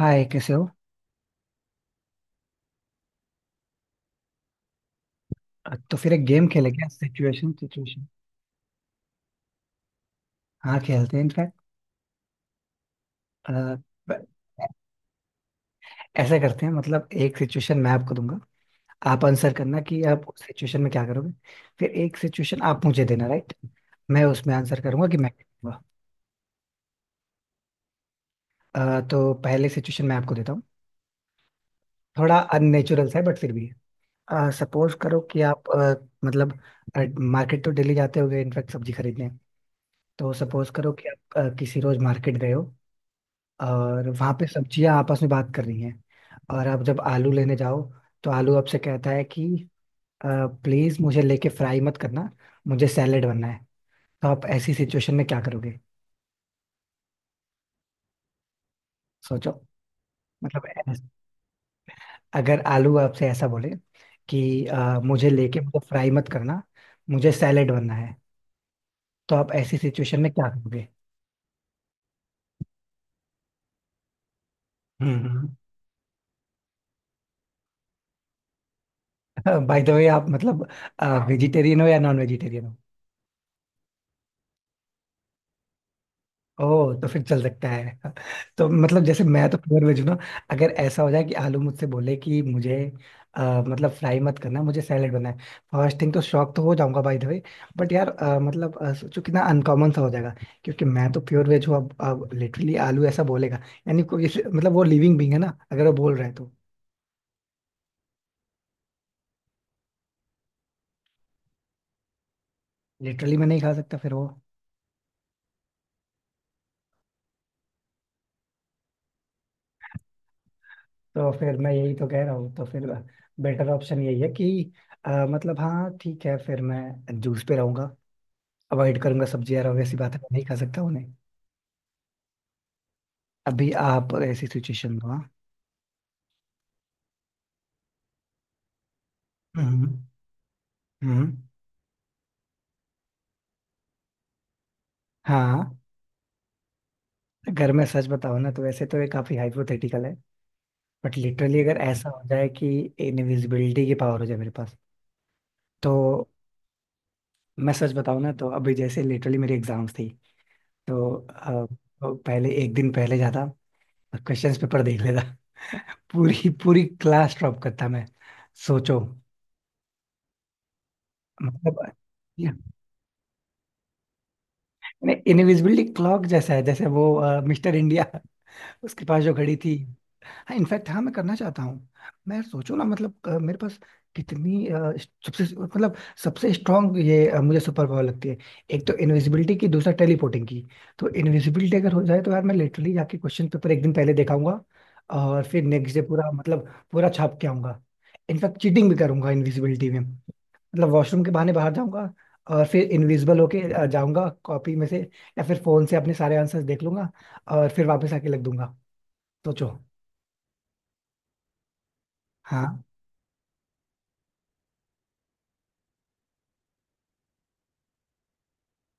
हाय, कैसे हो। तो फिर एक गेम खेलेंगे सिचुएशन सिचुएशन। हाँ, खेलते हैं इनफैक्ट। ऐसा करते हैं, मतलब एक सिचुएशन मैं आपको दूंगा, आप आंसर करना कि आप उस सिचुएशन में क्या करोगे। फिर एक सिचुएशन आप मुझे देना, राइट, मैं उसमें आंसर करूंगा कि मैं क्या करूंगा। तो पहले सिचुएशन मैं आपको देता हूँ। थोड़ा अननेचुरल सा है बट फिर भी है। सपोज करो कि आप, मतलब मार्केट तो डेली जाते होगे इनफैक्ट, सब्जी खरीदने। तो सपोज करो कि आप किसी रोज मार्केट गए हो, और वहां पे सब्जियां आपस में बात कर रही हैं, और आप जब आलू लेने जाओ तो आलू आपसे कहता है कि प्लीज, मुझे लेके फ्राई मत करना, मुझे सैलेड बनना है। तो आप ऐसी सिचुएशन में क्या करोगे? सोचो। मतलब अगर आलू आपसे ऐसा बोले कि मुझे लेके मुझे फ्राई मत करना, मुझे सैलेड बनना है, तो आप ऐसी सिचुएशन में क्या करोगे? हम्म। बाय द वे, आप मतलब वेजिटेरियन हो या नॉन वेजिटेरियन? ओह, तो फिर चल सकता है। तो मतलब जैसे मैं तो प्योर वेज हूं ना, अगर ऐसा हो जाए कि आलू मुझसे बोले कि मुझे, मतलब फ्राई मत करना, मुझे सैलेड बनाए। फर्स्ट थिंग तो शॉक तो हो जाऊंगा, बाय द वे। बट यार, मतलब सोचो कितना अनकॉमन सा हो जाएगा। क्योंकि मैं तो प्योर वेज हूँ। अब लिटरली आलू ऐसा बोलेगा, यानी कोई मतलब, वो लिविंग बींग है ना, अगर वो बोल रहा है तो लिटरली मैं नहीं खा सकता फिर वो। तो फिर मैं यही तो कह रहा हूँ, तो फिर बेटर ऑप्शन यही है कि मतलब हाँ ठीक है, फिर मैं जूस पे रहूंगा, अवॉइड करूंगा सब्जी यार, obvious सी बात है, मैं नहीं खा सकता उन्हें। अभी आप ऐसी सिचुएशन में हो, हाँ। हम्म। हम्म। हाँ। अगर मैं सच बताऊं ना, तो वैसे तो ये काफी हाइपोथेटिकल है, बट लिटरली अगर ऐसा हो जाए कि इनविजिबिलिटी की पावर हो जाए मेरे पास, तो मैं सच बताऊं ना तो, अभी जैसे लिटरली मेरी एग्जाम्स थी, तो पहले एक दिन पहले जाता और क्वेश्चन पेपर देख लेता। पूरी पूरी क्लास ड्रॉप करता मैं। सोचो। मतलब इनविजिबिलिटी क्लॉक जैसा है, जैसे वो मिस्टर इंडिया, उसके पास जो घड़ी थी। हाँ इनफैक्ट, हाँ मैं करना चाहता हूँ। मैं सोचो ना, मतलब मेरे पास कितनी सबसे मतलब सबसे स्ट्रांग ये मुझे सुपर पावर लगती है, एक तो इनविजिबिलिटी की, दूसरा टेलीपोर्टिंग की। तो इनविजिबिलिटी अगर हो जाए तो यार, मैं लिटरली जाके क्वेश्चन पेपर एक दिन पहले देखाऊंगा, और फिर नेक्स्ट डे पूरा, मतलब पूरा छाप के आऊंगा। इनफैक्ट चीटिंग भी करूंगा इनविजिबिलिटी में, मतलब वॉशरूम के बहाने बाहर जाऊंगा, और फिर इनविजिबल होके जाऊंगा कॉपी में से, या फिर फोन से अपने सारे आंसर्स देख लूंगा, और फिर वापस आके लग दूंगा। सोचो। हाँ।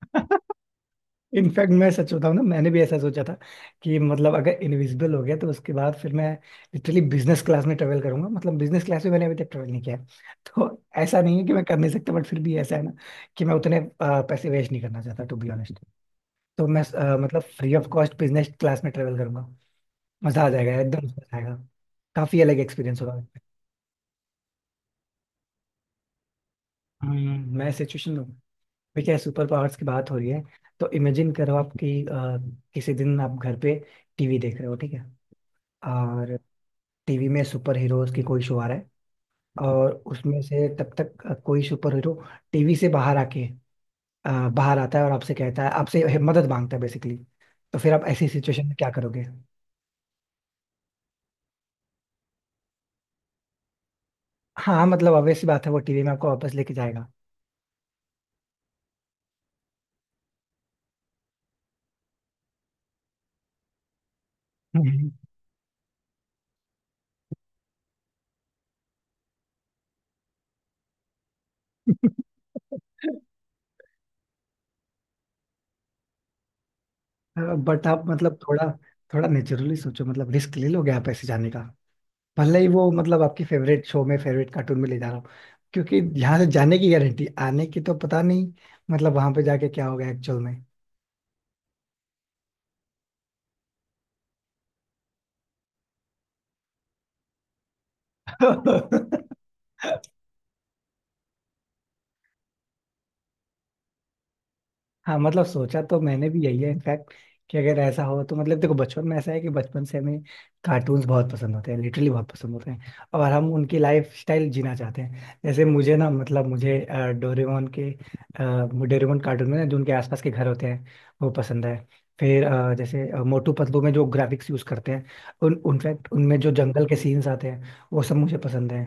इनफैक्ट मैं सच बताऊं ना, मैंने भी ऐसा सोचा था कि मतलब अगर इनविजिबल हो गया तो उसके बाद फिर मैं लिटरली बिजनेस क्लास में ट्रेवल करूंगा, मतलब बिजनेस क्लास में मैंने अभी तक ट्रेवल नहीं किया है। तो ऐसा नहीं है कि मैं कर नहीं सकता, बट फिर भी ऐसा है ना कि मैं उतने पैसे वेस्ट नहीं करना चाहता, टू बी ऑनेस्ट। तो मैं, मतलब free of cost business class में ट्रेवल करूंगा। मजा आ जाएगा, एकदम मजा आएगा। काफी अलग एक्सपीरियंस होगा। मैं सिचुएशन में हूँ। देखिए, सुपर पावर्स की बात हो रही है, तो इमेजिन करो आप कि किसी दिन आप घर पे टीवी देख रहे हो, ठीक है, और टीवी में सुपर हीरोज की कोई शो आ रहा है, और उसमें से तब तक कोई सुपर हीरो टीवी से बाहर आके, बाहर आता है, और आपसे कहता है, आपसे मदद मांगता है बेसिकली। तो फिर आप ऐसी सिचुएशन में क्या करोगे? हाँ, मतलब obvious सी बात है, वो टीवी में आपको वापस लेके जाएगा। हम्म। बट आप मतलब थोड़ा थोड़ा नेचुरली सोचो, मतलब रिस्क ले लोगे आप ऐसे जाने का? भले ही वो मतलब आपकी फेवरेट शो में, फेवरेट कार्टून में ले जा रहा हूँ, क्योंकि यहाँ से जाने की गारंटी, आने की तो पता नहीं, मतलब वहां पे जाके क्या होगा एक्चुअल में। हाँ, मतलब सोचा तो मैंने भी यही है इनफैक्ट, कि अगर ऐसा हो तो मतलब देखो, बचपन में ऐसा है कि बचपन से हमें कार्टून्स बहुत पसंद होते हैं, लिटरली बहुत पसंद होते हैं, और हम उनकी लाइफ स्टाइल जीना चाहते हैं। जैसे मुझे ना, मतलब मुझे डोरेमोन कार्टून में ना, जो उनके आसपास के घर होते हैं, वो पसंद है। फिर जैसे मोटू पतलू में जो ग्राफिक्स यूज करते हैं, उन उनफैक्ट उनमें जो जंगल के सीन्स आते हैं, वो सब मुझे पसंद है।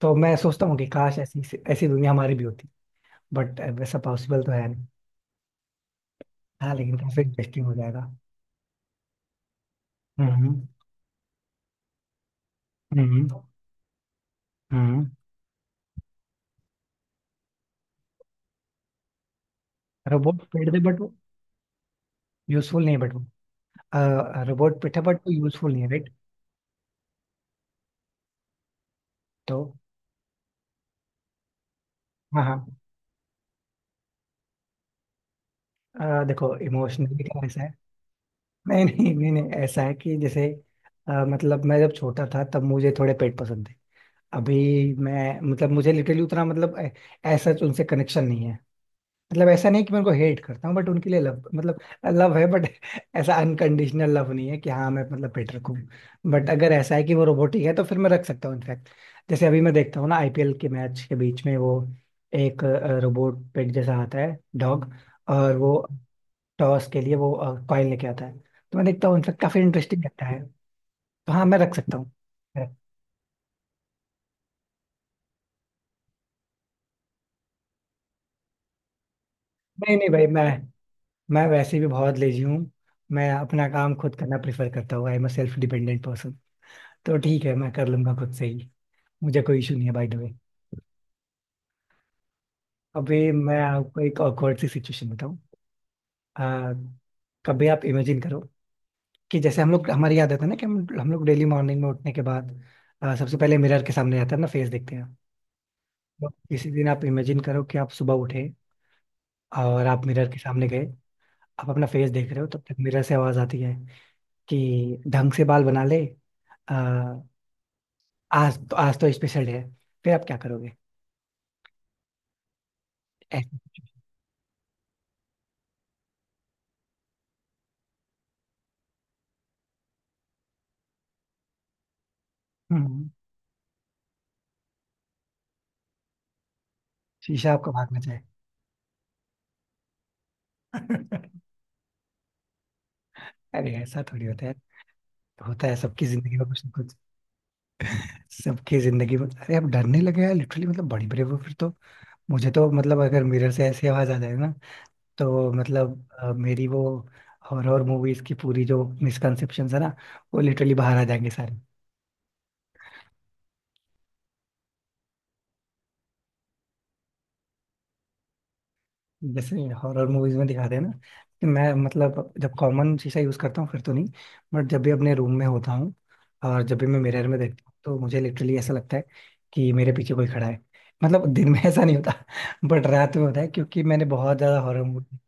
तो मैं सोचता हूँ कि काश ऐसी ऐसी दुनिया हमारी भी होती, बट वैसा पॉसिबल तो है। हाँ, लेकिन काफी इंटरेस्टिंग हो जाएगा। हम्म। हम्म। हम्म रोबोट पेट दे बट वो यूजफुल नहीं है, बट वो रोबोट पिट है बट वो यूजफुल नहीं है, राइट। तो हाँ, हाँ, देखो इमोशनली का ऐसा है, नहीं, नहीं, नहीं, नहीं, ऐसा है कि जैसे मतलब मैं जब छोटा था तब मुझे थोड़े पेट पसंद थे। अभी मैं, मतलब मुझे लिटरली उतना, मतलब ऐसा उनसे कनेक्शन नहीं है। मतलब ऐसा नहीं कि मैं उनको हेट करता हूँ, बट उनके लिए लव, मतलब लव है, बट ऐसा अनकंडीशनल लव नहीं है कि हाँ मैं मतलब पेट रखूँ। बट अगर ऐसा है कि वो रोबोटिक है तो फिर मैं रख सकता हूँ इनफैक्ट, जैसे अभी मैं देखता हूँ ना, आईपीएल के मैच के बीच में वो एक रोबोट पेट जैसा आता है, डॉग, और वो टॉस के लिए वो कॉइन लेके आता है। तो मैं देखता हूँ, इनफैक्ट काफी इंटरेस्टिंग लगता है। तो हाँ, मैं रख सकता हूँ। नहीं, नहीं भाई, मैं वैसे भी बहुत लेजी हूँ, मैं अपना काम खुद करना प्रेफर करता हूँ। I am a self dependent. तो ठीक है, मैं कर लूंगा खुद से ही, मुझे कोई इशू नहीं है, बाय द वे। अभी मैं आपको एक awkward सी सिचुएशन बताऊं। आ, कभी आप इमेजिन करो, कि जैसे हम लोग, हमारी आदत है ना, कि हम लोग डेली मॉर्निंग में उठने के बाद सबसे पहले मिरर के सामने जाते हैं ना, फेस देखते हैं। तो किसी दिन आप इमेजिन करो कि आप सुबह उठे, और आप मिरर के सामने गए, आप अपना फेस देख रहे हो, तब तक मिरर से आवाज आती है कि ढंग से बाल बना ले, आ, आज तो स्पेशल है। फिर आप क्या करोगे? ऐसे- हम्म, शीशा आपको भागना चाहिए। अरे ऐसा थोड़ी होता है, होता है सबकी जिंदगी में कुछ ना कुछ, सबकी जिंदगी में। अरे आप डरने लगे यार लिटरली, मतलब बड़ी ब्रेव हो फिर तो। मुझे तो मतलब, अगर मिरर से ऐसी आवाज आ जाए ना, तो मतलब मेरी वो हॉरर मूवीज की पूरी जो मिसकंसेप्शन है ना, वो लिटरली बाहर आ जाएंगे सारे। जैसे हॉरर मूवीज में दिखाते हैं ना, कि मैं मतलब जब कॉमन शीशा यूज करता हूँ फिर तो नहीं, बट जब भी अपने रूम में होता हूँ, और जब भी मैं मिरर में देखता हूँ, तो मुझे लिटरली ऐसा लगता है कि मेरे पीछे कोई खड़ा है। मतलब दिन में ऐसा नहीं होता। बट रात में होता है, क्योंकि मैंने बहुत ज्यादा हॉरर मूवी,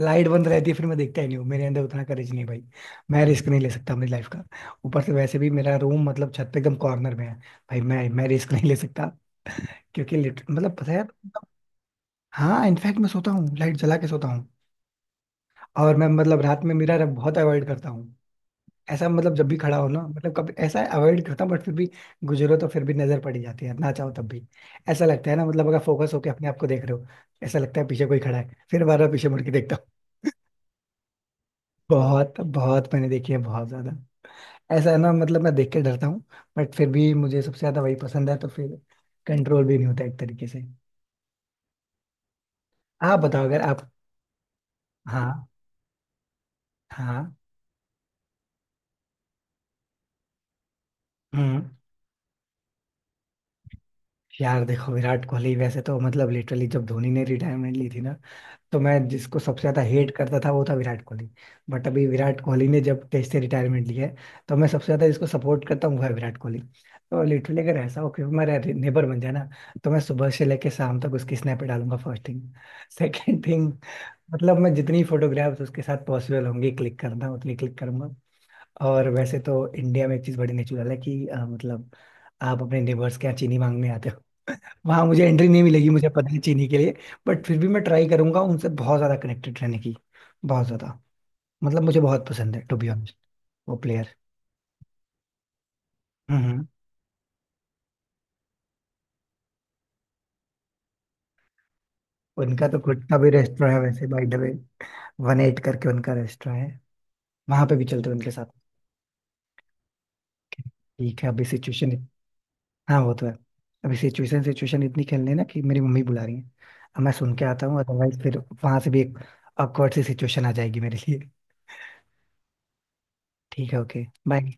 लाइट बंद रहती है फिर मैं देखता ही नहीं हूँ, मेरे अंदर उतना करेज नहीं है भाई, मैं रिस्क नहीं ले सकता अपनी लाइफ का। ऊपर से वैसे भी मेरा रूम, मतलब छत पे एकदम कॉर्नर में है। भाई, मैं रिस्क नहीं ले सकता, क्योंकि मतलब पता है यार, मतलब हाँ इनफैक्ट, मैं सोता हूँ, लाइट जला के सोता हूँ। और मैं मतलब रात में मिरर बहुत अवॉइड करता हूँ, ऐसा मतलब जब भी खड़ा हो ना, मतलब कभी ऐसा अवॉइड करता हूँ बट फिर भी, गुजरो तो फिर भी नजर पड़ ही जाती है ना, चाहो तब भी। ऐसा लगता है ना, मतलब अगर फोकस होके अपने आप को देख रहे हो, ऐसा लगता है पीछे कोई खड़ा है, फिर बार बार पीछे मुड़ के देखता हूँ। बहुत बहुत मैंने देखी है, बहुत ज्यादा। ऐसा है ना, मतलब मैं देख के डरता हूँ, बट फिर भी मुझे सबसे ज्यादा वही पसंद है, तो फिर कंट्रोल भी नहीं होता एक तरीके से। आप बताओ अगर आप। हाँ, हाँ। हम्म। यार देखो, विराट कोहली वैसे तो मतलब, लिटरली जब धोनी ने रिटायरमेंट ली थी ना, तो मैं जिसको सबसे ज्यादा हेट करता था वो था विराट कोहली, बट अभी विराट कोहली ने जब टेस्ट से रिटायरमेंट लिया है, तो मैं सबसे ज्यादा जिसको सपोर्ट करता हूँ वो है विराट कोहली। तो लिटरली अगर ऐसा हो कि वो मेरा नेबर बन जाए ना, तो मैं सुबह से लेके शाम तक उसकी स्नैप डालूंगा, फर्स्ट थिंग। सेकंड थिंग, मतलब मैं जितनी फोटोग्राफ्स उसके साथ पॉसिबल होंगी क्लिक करना, उतनी क्लिक करूंगा। और वैसे तो इंडिया में एक चीज बड़ी नेचुरल है, कि मतलब आप अपने नेबर्स के यहाँ चीनी मांगने आते, वहां मुझे एंट्री नहीं मिलेगी, मुझे पता है, चीनी के लिए। बट फिर भी मैं ट्राई करूंगा उनसे बहुत ज्यादा कनेक्टेड रहने की, बहुत ज्यादा। मतलब मुझे बहुत पसंद है, टू बी ऑनेस्ट, वो प्लेयर। हम्म उनका तो खुद का भी रेस्टोरेंट है वैसे, by the way. One eight करके उनका रेस्टोरेंट है, वहां पे भी चलते हैं उनके साथ। ठीक है, अभी सिचुएशन। हाँ, वो तो है। अभी सिचुएशन सिचुएशन इतनी खेलने है ना कि मेरी मम्मी बुला रही है, अब मैं सुन के आता हूँ, अदरवाइज फिर वहां से भी एक awkward सी सिचुएशन आ जाएगी मेरे लिए। ठीक है, ओके, बाय।